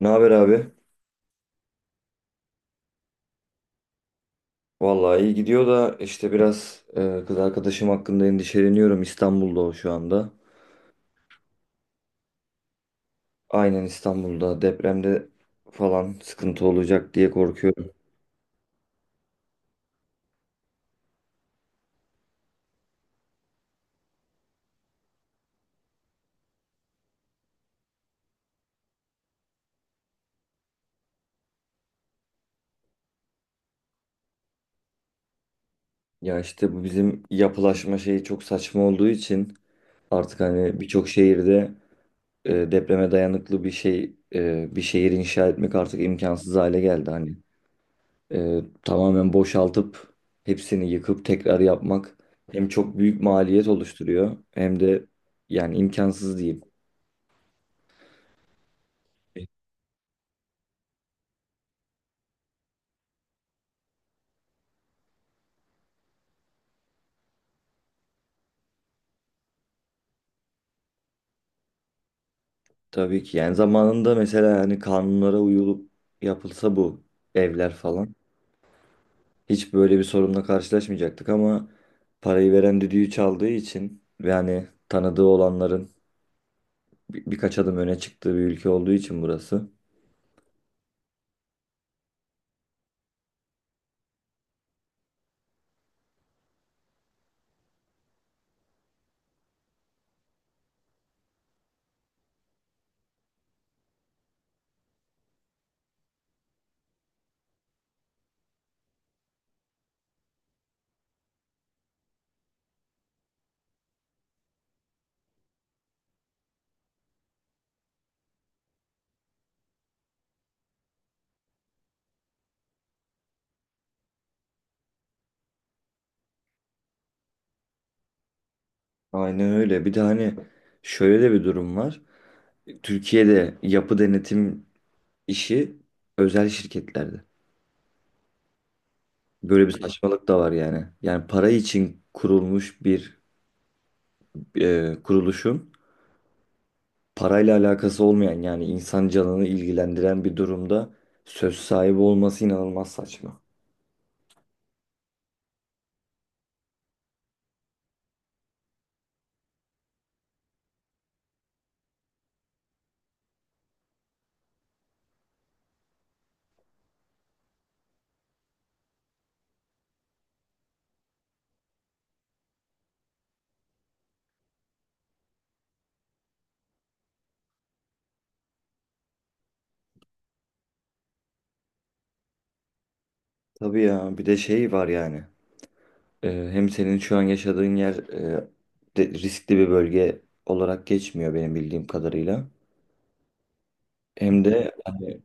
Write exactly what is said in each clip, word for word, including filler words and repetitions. Ne haber abi? Vallahi iyi gidiyor da işte biraz e, kız arkadaşım hakkında endişeleniyorum. İstanbul'da o şu anda. Aynen, İstanbul'da depremde falan sıkıntı olacak diye korkuyorum. Ya işte bu bizim yapılaşma şeyi çok saçma olduğu için artık hani birçok şehirde e, depreme dayanıklı bir şey e, bir şehir inşa etmek artık imkansız hale geldi hani. Ee, tamamen boşaltıp hepsini yıkıp tekrar yapmak hem çok büyük maliyet oluşturuyor hem de yani imkansız diyeyim. E, Tabii ki yani zamanında mesela yani kanunlara uyulup yapılsa bu evler falan hiç böyle bir sorunla karşılaşmayacaktık ama parayı veren düdüğü çaldığı için ve hani tanıdığı olanların bir- birkaç adım öne çıktığı bir ülke olduğu için burası. Aynen öyle. Bir de hani şöyle de bir durum var. Türkiye'de yapı denetim işi özel şirketlerde. Böyle bir saçmalık da var yani. Yani para için kurulmuş bir e, kuruluşun parayla alakası olmayan, yani insan canını ilgilendiren bir durumda söz sahibi olması inanılmaz saçma. Tabii ya, bir de şey var yani. E, hem senin şu an yaşadığın yer e, de- riskli bir bölge olarak geçmiyor benim bildiğim kadarıyla. Hem de hani,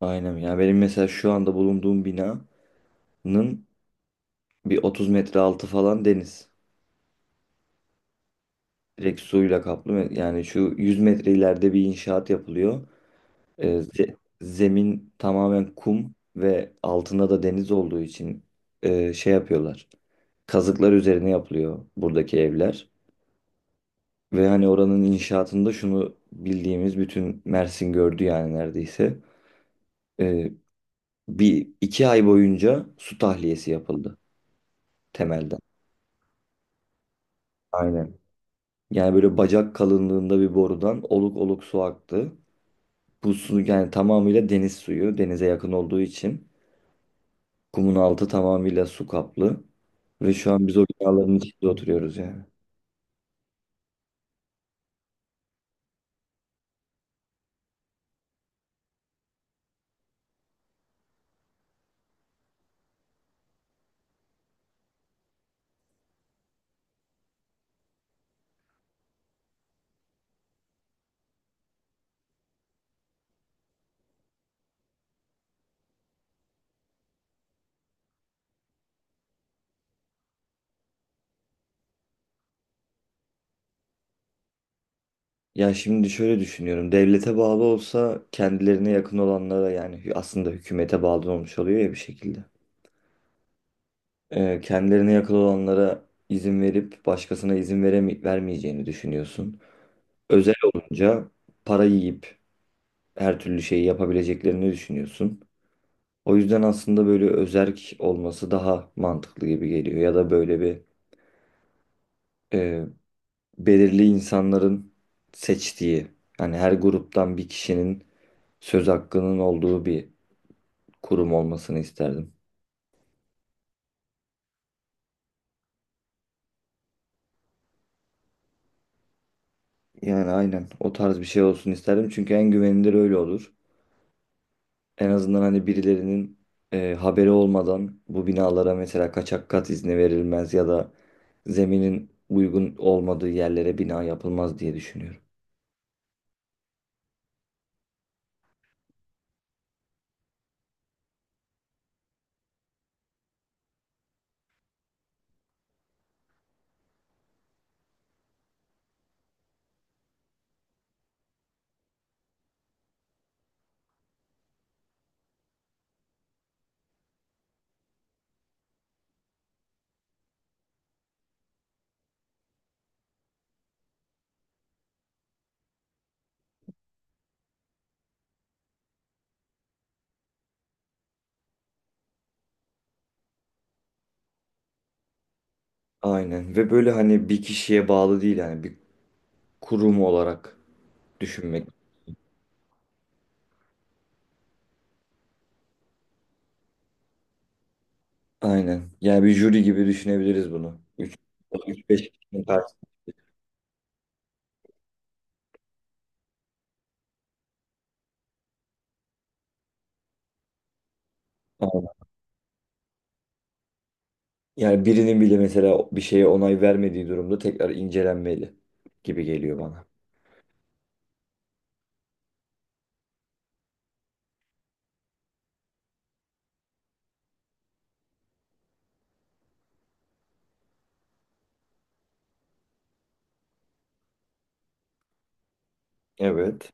aynen ya, benim mesela şu anda bulunduğum binanın bir otuz metre altı falan deniz. Direkt suyla kaplı. Yani şu yüz metre ileride bir inşaat yapılıyor. Ee, ze- zemin tamamen kum ve altında da deniz olduğu için e, şey yapıyorlar. Kazıklar üzerine yapılıyor buradaki evler. Ve hani oranın inşaatında şunu bildiğimiz bütün Mersin gördü yani neredeyse. Ee, Bir iki ay boyunca su tahliyesi yapıldı temelden. Aynen. Yani böyle bacak kalınlığında bir borudan oluk oluk su aktı. Bu su yani tamamıyla deniz suyu. Denize yakın olduğu için. Kumun altı tamamıyla su kaplı. Ve şu an biz o binaların içinde oturuyoruz yani. Ya şimdi şöyle düşünüyorum. Devlete bağlı olsa kendilerine yakın olanlara, yani hü- aslında hükümete bağlı olmuş oluyor ya bir şekilde. Ee, kendilerine yakın olanlara izin verip başkasına izin veremi vermeyeceğini düşünüyorsun. Özel olunca para yiyip her türlü şeyi yapabileceklerini düşünüyorsun. O yüzden aslında böyle özerk olması daha mantıklı gibi geliyor. Ya da böyle bir e, belirli insanların seçtiği, hani her gruptan bir kişinin söz hakkının olduğu bir kurum olmasını isterdim. Yani aynen o tarz bir şey olsun isterdim. Çünkü en güvenilir öyle olur. En azından hani birilerinin e, haberi olmadan bu binalara mesela kaçak kat izni verilmez ya da zeminin uygun olmadığı yerlere bina yapılmaz diye düşünüyorum. Aynen, ve böyle hani bir kişiye bağlı değil, yani bir kurum olarak düşünmek. Aynen. Yani bir jüri gibi düşünebiliriz bunu. Üç beş kişinin karşısında. Aynen. Yani birinin bile mesela bir şeye onay vermediği durumda tekrar incelenmeli gibi geliyor bana. Evet.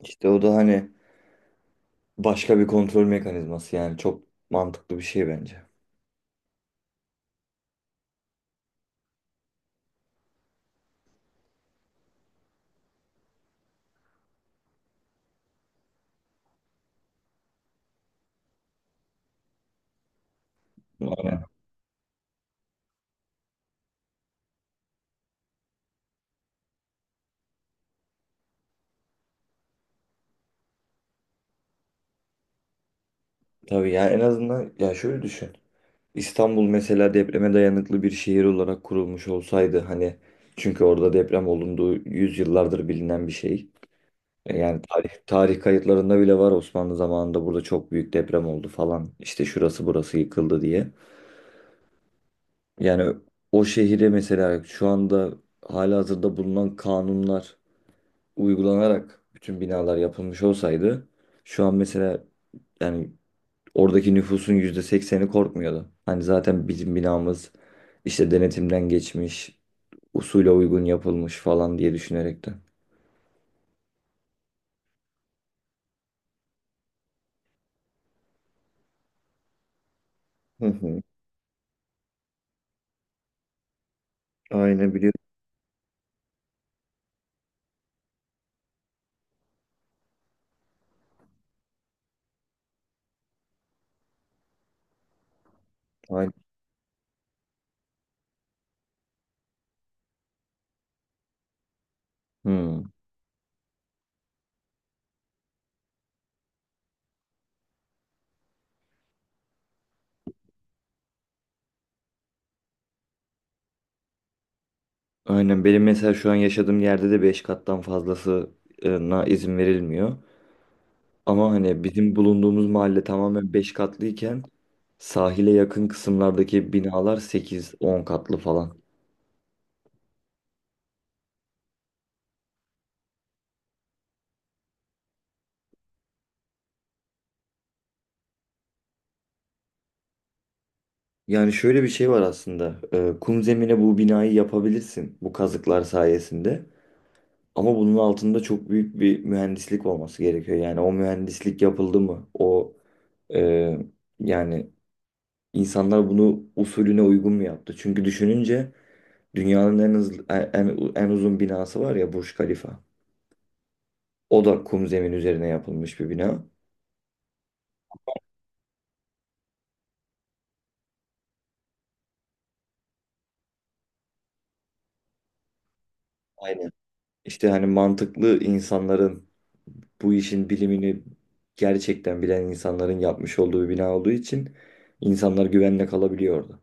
İşte o da hani başka bir kontrol mekanizması, yani çok mantıklı bir şey bence. Aynen. Tabii yani en azından ya şöyle düşün. İstanbul mesela depreme dayanıklı bir şehir olarak kurulmuş olsaydı hani, çünkü orada deprem olunduğu yüzyıllardır bilinen bir şey. E, Yani tarih, tarih kayıtlarında bile var, Osmanlı zamanında burada çok büyük deprem oldu falan işte şurası burası yıkıldı diye. Yani o şehire mesela şu anda halihazırda bulunan kanunlar uygulanarak bütün binalar yapılmış olsaydı şu an mesela yani oradaki nüfusun yüzde sekseni korkmuyordu. Hani zaten bizim binamız işte denetimden geçmiş, usule uygun yapılmış falan diye düşünerek de. Hı hı. Aynen biliyorum. Aynen. Hmm. Aynen benim mesela şu an yaşadığım yerde de beş kattan fazlasına izin verilmiyor. Ama hani bizim bulunduğumuz mahalle tamamen beş katlıyken sahile yakın kısımlardaki binalar sekiz, on katlı falan. Yani şöyle bir şey var aslında. Ee, kum zemine bu binayı yapabilirsin bu kazıklar sayesinde. Ama bunun altında çok büyük bir mühendislik olması gerekiyor. Yani o mühendislik yapıldı mı? O e, yani insanlar bunu usulüne uygun mu yaptı? Çünkü düşününce dünyanın en hızlı, en, en en uzun binası var ya, Burj Khalifa. O da kum zemin üzerine yapılmış bir bina. Aynen. İşte hani mantıklı insanların, bu işin bilimini gerçekten bilen insanların yapmış olduğu bir bina olduğu için insanlar güvenle kalabiliyor orada.